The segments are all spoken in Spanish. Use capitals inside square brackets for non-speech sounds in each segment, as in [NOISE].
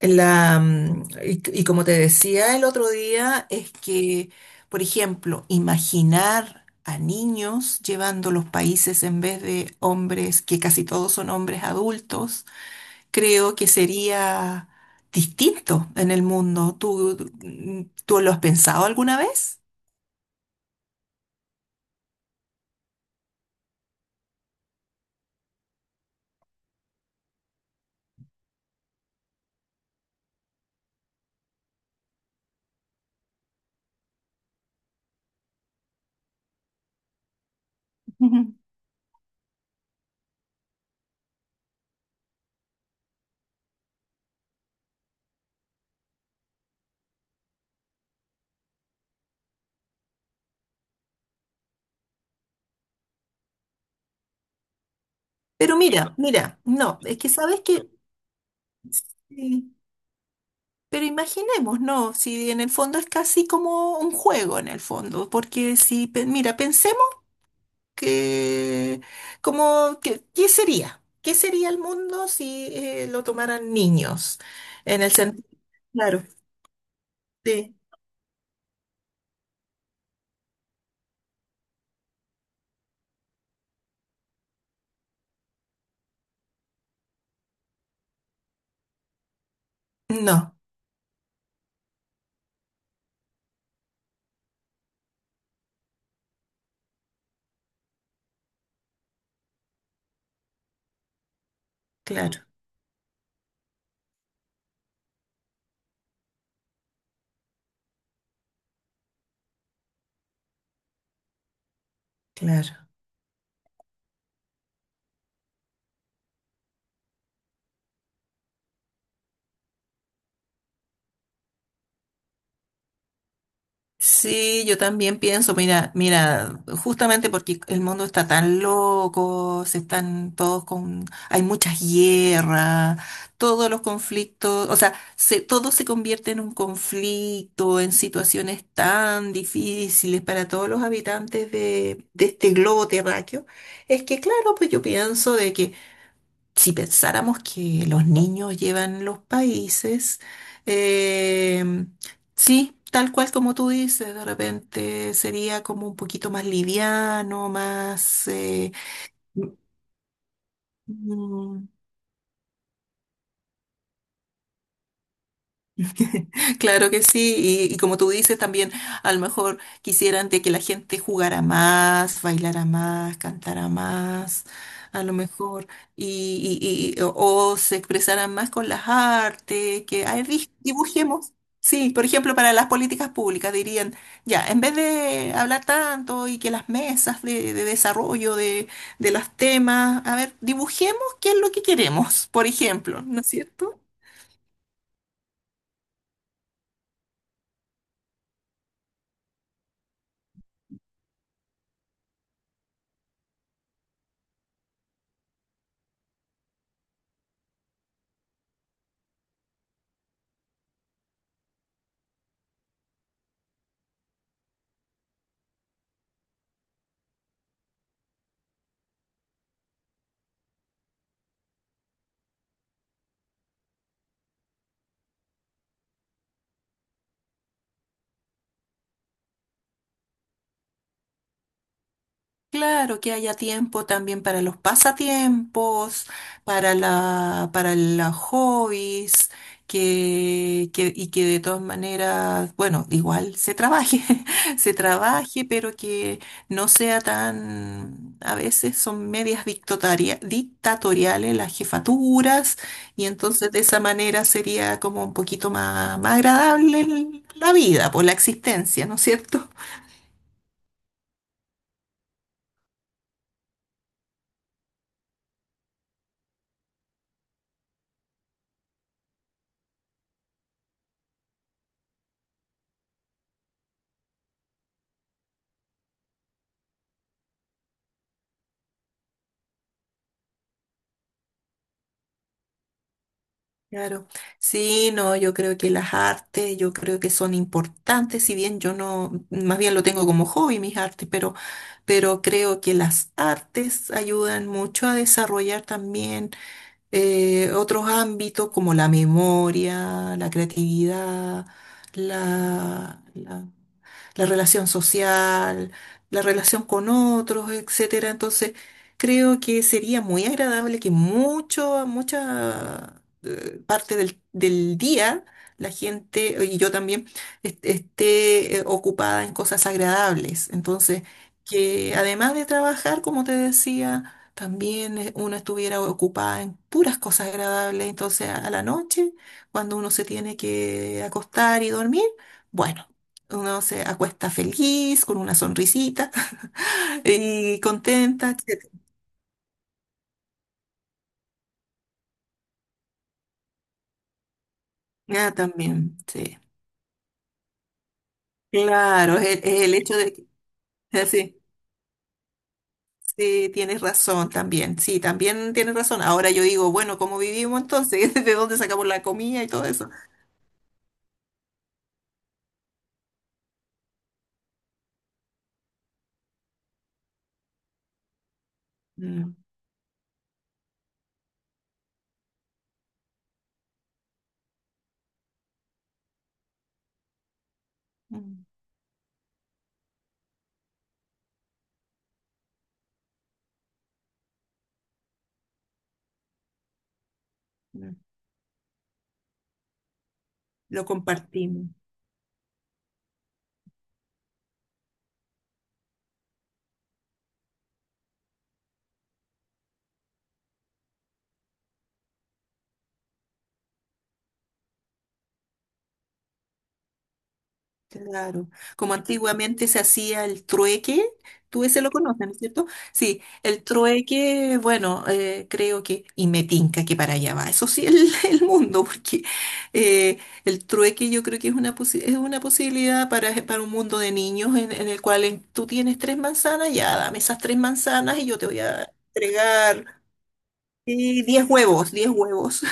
Y como te decía el otro día, es que, por ejemplo, imaginar a niños llevando los países en vez de hombres, que casi todos son hombres adultos, creo que sería distinto en el mundo. ¿Tú lo has pensado alguna vez? [LAUGHS] Ujú. Pero mira, mira, no, es que sabes que, sí, pero imaginemos, no, si en el fondo es casi como un juego en el fondo, porque si, mira, pensemos que, como, que, ¿qué sería? ¿Qué sería el mundo si lo tomaran niños? En el sentido, claro, sí, no, claro, claro. Sí, yo también pienso, mira, mira, justamente porque el mundo está tan loco, se están todos con, hay muchas guerras, todos los conflictos, o sea, todo se convierte en un conflicto, en situaciones tan difíciles para todos los habitantes de este globo terráqueo, es que claro, pues yo pienso de que si pensáramos que los niños llevan los países, eh, sí, tal cual como tú dices, de repente sería como un poquito más liviano, más... mm, [LAUGHS] Claro que sí, y como tú dices también, a lo mejor quisieran de que la gente jugara más, bailara más, cantara más, a lo mejor, y, y- y- o, o se expresaran más con las artes, que ay, dibujemos. Sí, por ejemplo, para las políticas públicas dirían, ya, en vez de hablar tanto y que las mesas de desarrollo de los temas, a ver, dibujemos qué es lo que queremos, por ejemplo, ¿no es cierto? Claro que haya tiempo también para los pasatiempos, para la, para los hobbies, que, y que de todas maneras, bueno, igual se trabaje, [LAUGHS] se trabaje, pero que no sea tan, a veces son medias dictatoriales las jefaturas, y entonces de esa manera sería como un poquito más, más agradable la vida, por la existencia, ¿no es cierto? Claro, sí, no, yo creo que las artes, yo creo que son importantes, si bien yo no, más bien lo tengo como hobby mis artes, pero creo que las artes ayudan mucho a desarrollar también otros ámbitos como la memoria, la creatividad, la, la- la relación social, la relación con otros, etcétera. Entonces, creo que sería muy agradable que mucho, mucha parte del, del día la gente, y yo también, esté ocupada en cosas agradables. Entonces, que además de trabajar, como te decía, también uno estuviera ocupada en puras cosas agradables. Entonces, a la noche, cuando uno se tiene que acostar y dormir, bueno. Uno se acuesta feliz, con una sonrisita [LAUGHS] y contenta, etcétera. Ah, también, sí. Claro, es el hecho de que... [LAUGHS] Sí, sí, tienes razón también. Sí, también tienes razón. Ahora yo digo, bueno, ¿cómo vivimos entonces? [LAUGHS] ¿De dónde sacamos la comida y todo eso? Mm, mm, mm. Lo compartimos. Claro, como antiguamente se hacía el trueque, tú ese lo conoces, ¿no es cierto? Sí, el trueque, bueno, creo que, y me tinca que para allá va, eso sí, el, [LAUGHS] el mundo, porque eh, el trueque yo creo que es una, es una posibilidad para un mundo de niños en el cual tú tienes 3 manzanas, ya dame esas 3 manzanas y yo te voy a entregar 10 huevos, 10 huevos.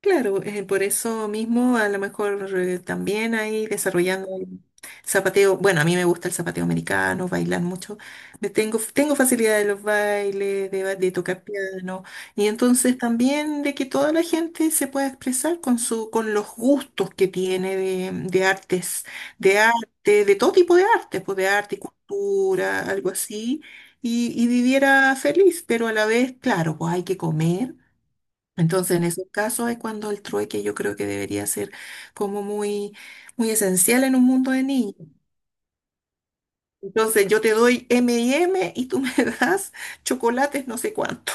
Claro, por eso mismo a lo mejor también ahí desarrollando el zapateo, bueno, a mí me gusta el zapateo americano, bailar mucho, me tengo, tengo facilidad de los bailes, de, de tocar piano, y entonces también de que toda la gente se pueda expresar con su, con los gustos que tiene de artes, de arte, de todo tipo de arte, pues de arte y cultura, algo así, y viviera feliz, pero a la vez, claro, pues hay que comer. Entonces, en esos casos es cuando el trueque yo creo que debería ser como muy, muy esencial en un mundo de niños. Entonces, yo te doy M&M y eme y tú me [LAUGHS] das chocolates no sé cuánto.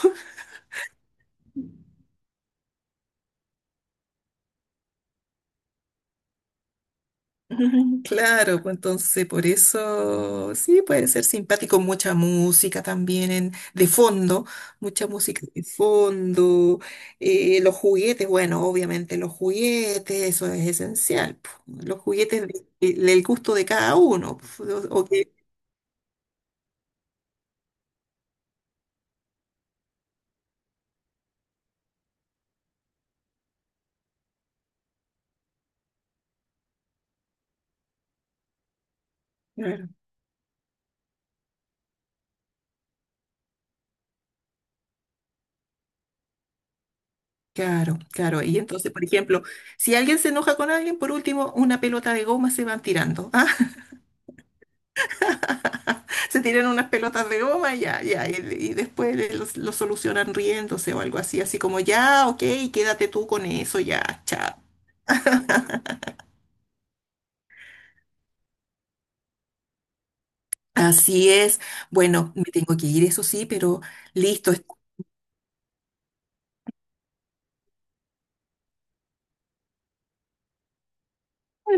[LAUGHS] Claro, pues entonces por eso sí puede ser simpático, mucha música también de fondo, mucha música de fondo, los juguetes, bueno, obviamente los juguetes, eso es esencial, po, los juguetes del gusto de cada uno, po, Claro. Claro, claro. Y entonces, por ejemplo, si alguien se enoja con alguien, por último, una pelota de goma se van tirando. ¿Ah? [LAUGHS] Se tiran unas pelotas de goma y ya, ya. Y después lo, solucionan riéndose o algo así, así como ya, ok, quédate tú con eso, ya, chao. Así es. Bueno, me tengo que ir, eso sí, pero listo. [LAUGHS]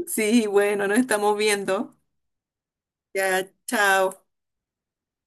Sí, bueno, nos estamos viendo. Ya, chao.